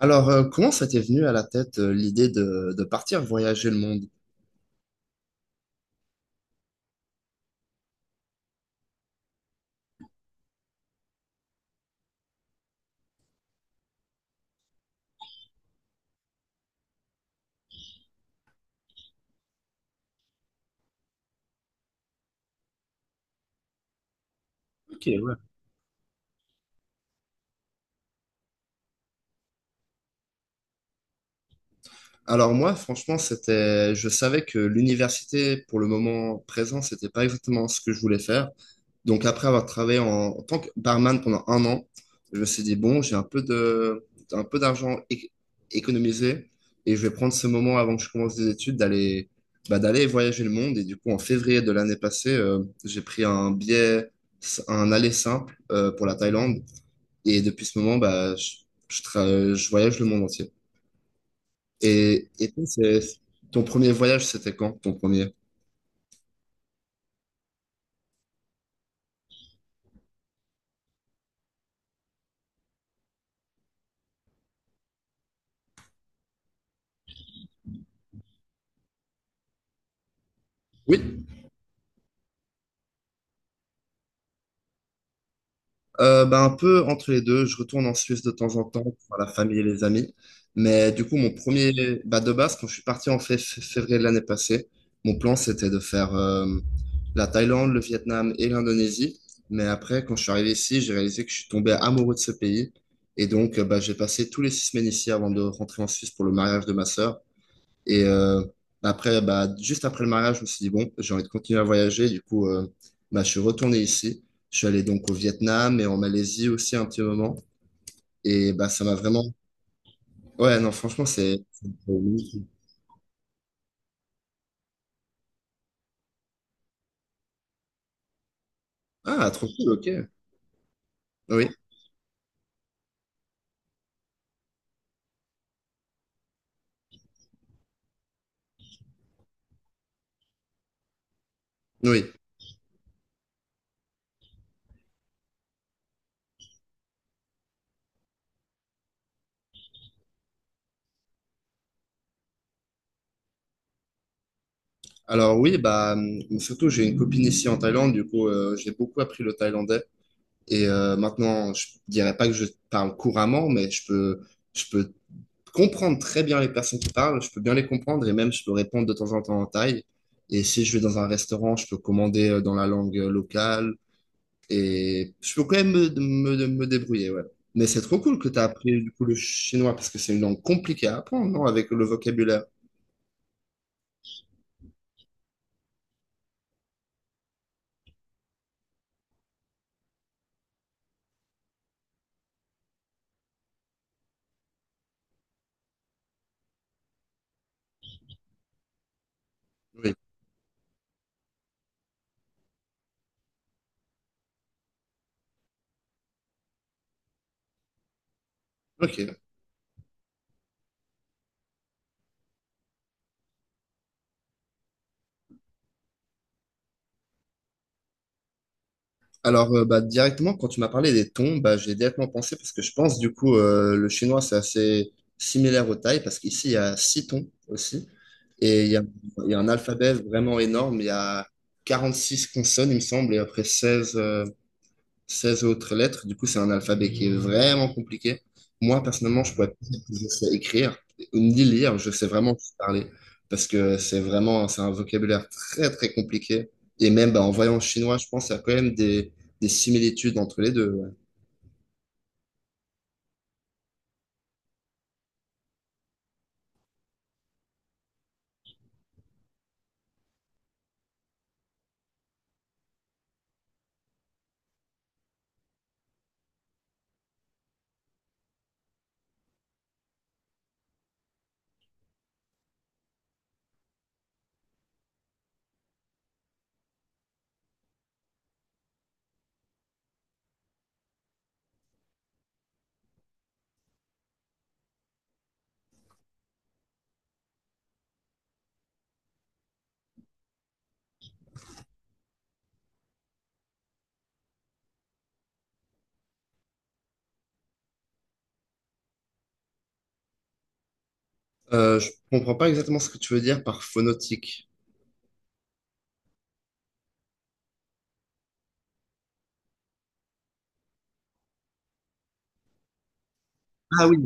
Alors, comment ça t'est venu à la tête l'idée de partir voyager le monde? Alors moi, franchement, je savais que l'université, pour le moment présent, c'était pas exactement ce que je voulais faire. Donc après avoir travaillé en tant que barman pendant un an, je me suis dit, bon, j'ai un peu d'argent économisé et je vais prendre ce moment avant que je commence des études bah, d'aller voyager le monde. Et du coup, en février de l'année passée, j'ai pris un billet, un aller simple pour la Thaïlande. Et depuis ce moment, bah, je voyage le monde entier. Et toi, ton premier voyage, c'était quand, ton premier? Oui, bah, un peu entre les deux. Je retourne en Suisse de temps en temps pour voir la famille et les amis. Mais du coup, mon premier, bah, de base, quand je suis parti en février de l'année passée, mon plan, c'était de faire la Thaïlande, le Vietnam et l'Indonésie. Mais après, quand je suis arrivé ici, j'ai réalisé que je suis tombé amoureux de ce pays. Et donc, bah, j'ai passé tous les 6 semaines ici avant de rentrer en Suisse pour le mariage de ma sœur. Et après, bah, juste après le mariage, je me suis dit, bon, j'ai envie de continuer à voyager. Du coup, bah, je suis retourné ici. Je suis allé donc au Vietnam et en Malaisie aussi un petit moment. Et bah, ça m'a vraiment... Ouais, non, franchement, c'est magnifique. Ah, trop cool, ok. Oui, oui. Alors oui, bah, surtout, j'ai une copine ici en Thaïlande. Du coup, j'ai beaucoup appris le thaïlandais. Et maintenant, je dirais pas que je parle couramment, mais je peux... Je peux comprendre très bien les personnes qui parlent, je peux bien les comprendre et même je peux répondre de temps en temps en thaï. Et si je vais dans un restaurant, je peux commander dans la langue locale et je peux quand même me débrouiller, ouais. Mais c'est trop cool que tu as appris du coup le chinois parce que c'est une langue compliquée à apprendre, non, avec le vocabulaire. Oui. Ok. Alors, bah, directement, quand tu m'as parlé des tons, bah, j'ai directement pensé, parce que je pense, du coup, le chinois, c'est assez similaire au thaï, parce qu'ici, il y a six tons aussi, et il y a un alphabet vraiment énorme, il y a 46 consonnes, il me semble, et après 16 autres lettres. Du coup, c'est un alphabet qui est vraiment compliqué. Moi, personnellement, je pourrais pas dire que je sais écrire ni lire. Je sais vraiment juste parler parce que c'est un vocabulaire très très compliqué. Et même bah, en voyant le chinois, je pense qu'il y a quand même des similitudes entre les deux. Ouais. Je comprends pas exactement ce que tu veux dire par phonotique. Ah oui.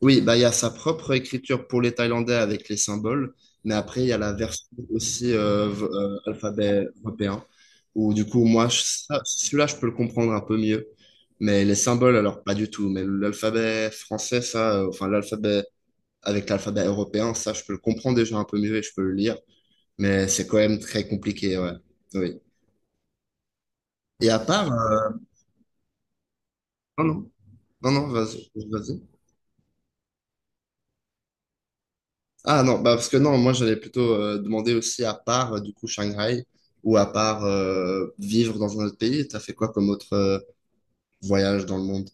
Oui, bah, il y a sa propre écriture pour les Thaïlandais avec les symboles, mais après, il y a la version aussi alphabet européen, où du coup, moi, celui-là, je peux le comprendre un peu mieux, mais les symboles, alors pas du tout, mais l'alphabet français, enfin, l'alphabet avec l'alphabet européen, ça, je peux le comprendre déjà un peu mieux et je peux le lire, mais c'est quand même très compliqué, ouais. Oui. Et à part, non, non, non, non, vas-y, vas-y. Ah non, bah parce que non, moi j'allais plutôt demander aussi à part du coup Shanghai ou à part vivre dans un autre pays, t'as fait quoi comme autre voyage dans le monde?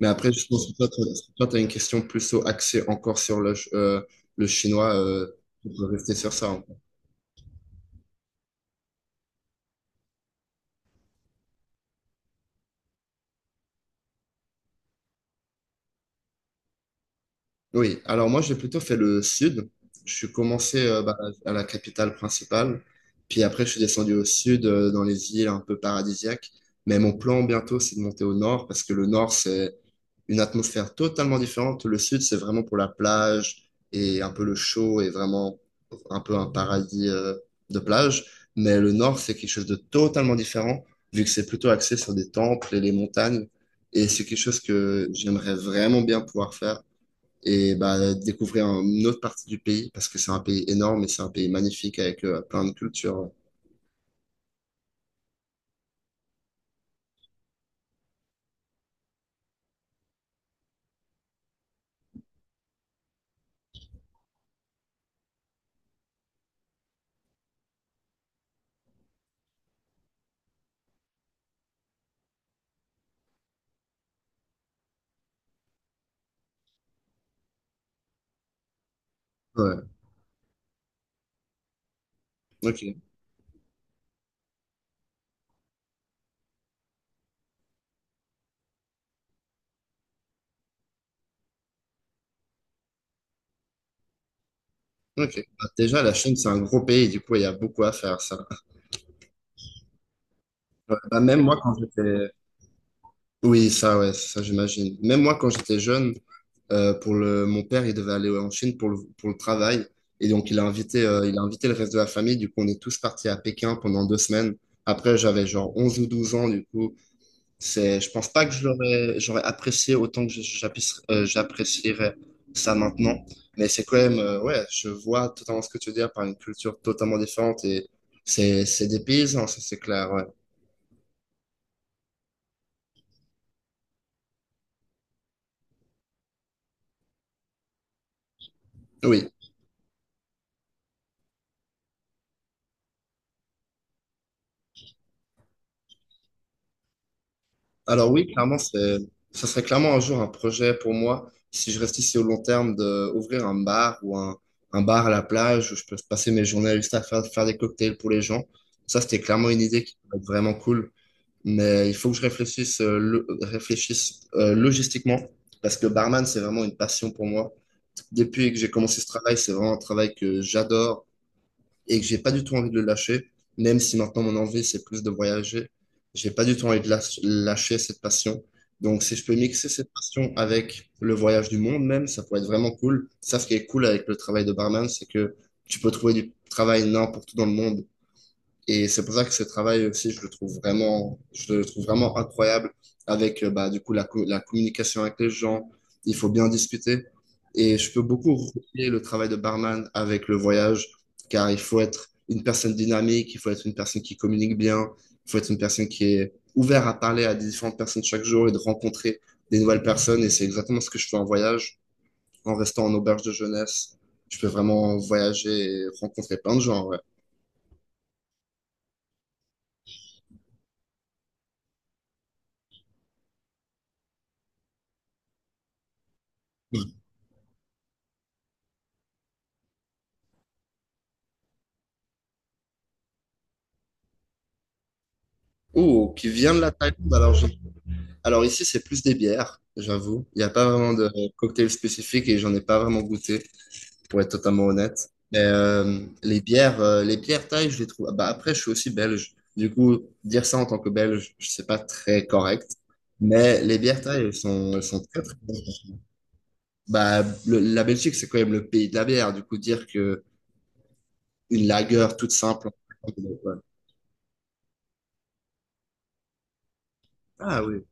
Mais après, je pense que toi, t'as une question plus axée encore sur le chinois, on peut rester sur ça. Hein. Oui, alors moi j'ai plutôt fait le sud. Je suis commencé bah, à la capitale principale, puis après je suis descendu au sud dans les îles un peu paradisiaques. Mais mon plan bientôt c'est de monter au nord parce que le nord c'est une atmosphère totalement différente. Le sud c'est vraiment pour la plage et un peu le chaud et vraiment un peu un paradis de plage. Mais le nord c'est quelque chose de totalement différent vu que c'est plutôt axé sur des temples et les montagnes. Et c'est quelque chose que j'aimerais vraiment bien pouvoir faire et bah, découvrir une autre partie du pays parce que c'est un pays énorme et c'est un pays magnifique avec plein de cultures. Ouais, ok, ok. Bah, déjà, la Chine, c'est un gros pays, du coup, il y a beaucoup à faire, ça. Ouais, bah, même moi, quand j'étais... Oui, ça, ouais, ça, j'imagine. Même moi, quand j'étais jeune, pour le... Mon père, il devait aller en Chine pour le travail. Et donc, il a invité le reste de la famille. Du coup, on est tous partis à Pékin pendant 2 semaines. Après, j'avais genre 11 ou 12 ans, du coup. Je pense pas que j'aurais apprécié autant que j'apprécierais ça maintenant. Mais c'est quand même, ouais, je vois totalement ce que tu veux dire par une culture totalement différente et c'est des paysans, ça c'est clair, ouais. Oui. Alors oui, clairement, ça serait clairement un jour un projet pour moi, si je reste ici au long terme, de ouvrir un bar ou un bar à la plage où je peux passer mes journées juste à faire des cocktails pour les gens. Ça, c'était clairement une idée qui pourrait être vraiment cool. Mais il faut que je réfléchisse logistiquement, parce que barman, c'est vraiment une passion pour moi. Depuis que j'ai commencé ce travail, c'est vraiment un travail que j'adore et que j'ai pas du tout envie de le lâcher. Même si maintenant mon envie, c'est plus de voyager, j'ai pas du tout envie de lâcher cette passion. Donc, si je peux mixer cette passion avec le voyage du monde même, ça pourrait être vraiment cool. Ça, ce qui est cool avec le travail de barman, c'est que tu peux trouver du travail n'importe où dans le monde. Et c'est pour ça que ce travail aussi, je le trouve vraiment incroyable avec, bah, du coup, la communication avec les gens. Il faut bien discuter. Et je peux beaucoup relier le travail de barman avec le voyage, car il faut être une personne dynamique, il faut être une personne qui communique bien, il faut être une personne qui est ouverte à parler à des différentes personnes chaque jour et de rencontrer des nouvelles personnes. Et c'est exactement ce que je fais en voyage, en restant en auberge de jeunesse. Je peux vraiment voyager et rencontrer plein de gens, ouais. Oh, qui vient de la Thaïlande, alors je... Alors ici, c'est plus des bières, j'avoue. Il n'y a pas vraiment de cocktail spécifique et j'en ai pas vraiment goûté, pour être totalement honnête. Mais les bières thaï, je les trouve. Bah, après, je suis aussi belge. Du coup, dire ça en tant que belge, je sais pas très correct. Mais les bières thaï, elles sont très très bonnes. Bah, la Belgique, c'est quand même le pays de la bière. Du coup, dire que une lager toute simple. Ah oui,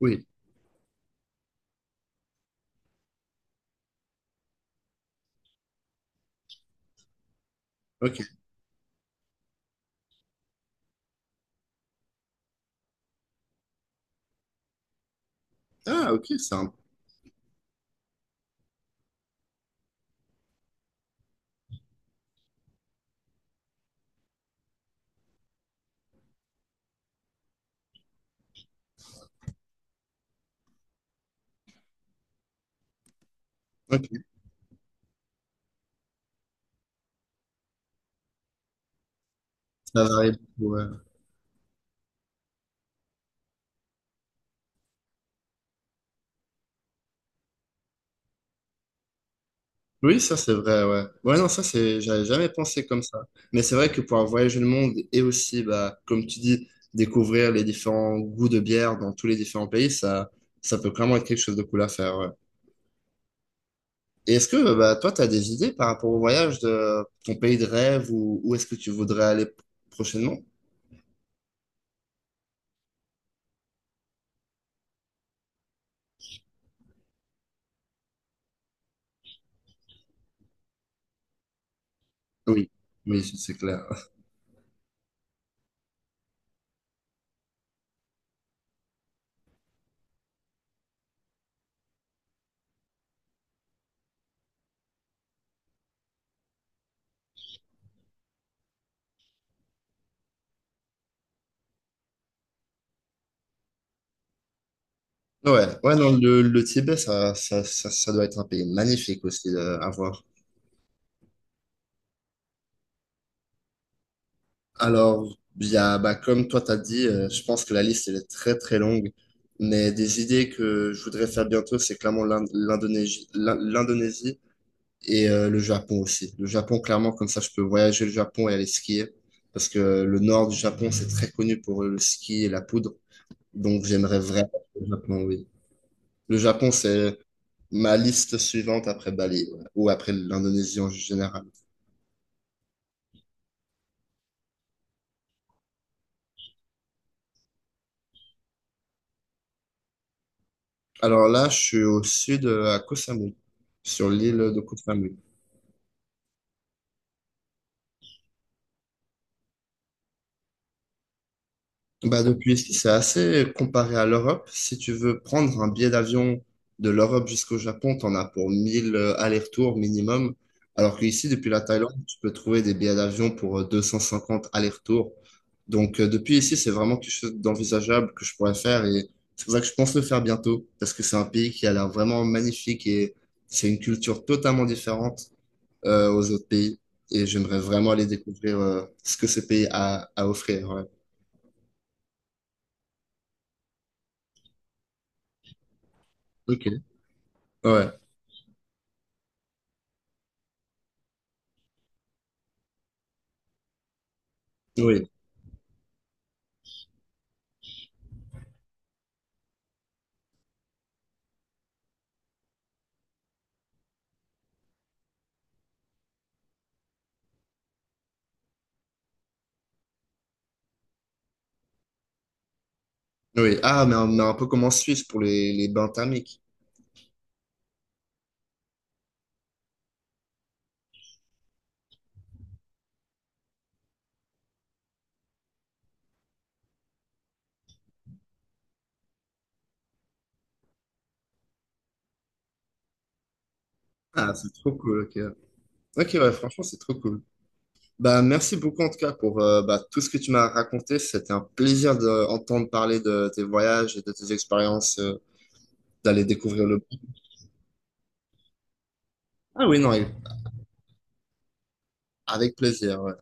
oui, ok. Ah ok, simple. Ok, ça varie beaucoup. Ouais. Oui, ça c'est vrai, ouais. Ouais, non, j'avais jamais pensé comme ça. Mais c'est vrai que pouvoir voyager le monde et aussi, bah, comme tu dis, découvrir les différents goûts de bière dans tous les différents pays, ça peut clairement être quelque chose de cool à faire, ouais. Et est-ce que, bah, toi, t'as des idées par rapport au voyage de ton pays de rêve ou où est-ce que tu voudrais aller prochainement? Oui, oui, c'est clair. Ouais, ouais, non, le Tibet, ça doit être un pays magnifique aussi à voir. Alors, il y a, bah, comme toi t'as dit, je pense que la liste elle est très très longue, mais des idées que je voudrais faire bientôt, c'est clairement l'Indonésie et le Japon aussi. Le Japon, clairement, comme ça, je peux voyager le Japon et aller skier, parce que le nord du Japon, c'est très connu pour le ski et la poudre, donc j'aimerais vraiment le Japon, oui. Le Japon, c'est ma liste suivante après Bali, ouais, ou après l'Indonésie en général. Alors là, je suis au sud, à Koh Samui, sur l'île de Koh Samui. Bah depuis ici, c'est assez comparé à l'Europe. Si tu veux prendre un billet d'avion de l'Europe jusqu'au Japon, t'en as pour 1 000 allers-retours minimum. Alors qu'ici, depuis la Thaïlande, tu peux trouver des billets d'avion pour 250 allers-retours. Donc depuis ici, c'est vraiment quelque chose d'envisageable que je pourrais faire et c'est pour ça que je pense le faire bientôt parce que c'est un pays qui a l'air vraiment magnifique et c'est une culture totalement différente aux autres pays et j'aimerais vraiment aller découvrir ce que ce pays a à offrir. Ouais. Ok. Ouais. Oui, oui. Ah, mais on a un peu comme en Suisse pour les bains thermiques. Ah, c'est trop cool, ok. Ok, ouais, franchement, c'est trop cool. Bah, merci beaucoup en tout cas pour bah, tout ce que tu m'as raconté. C'était un plaisir d'entendre parler de tes voyages et de tes expériences, d'aller découvrir le... Ah oui, non, avec plaisir. Ouais.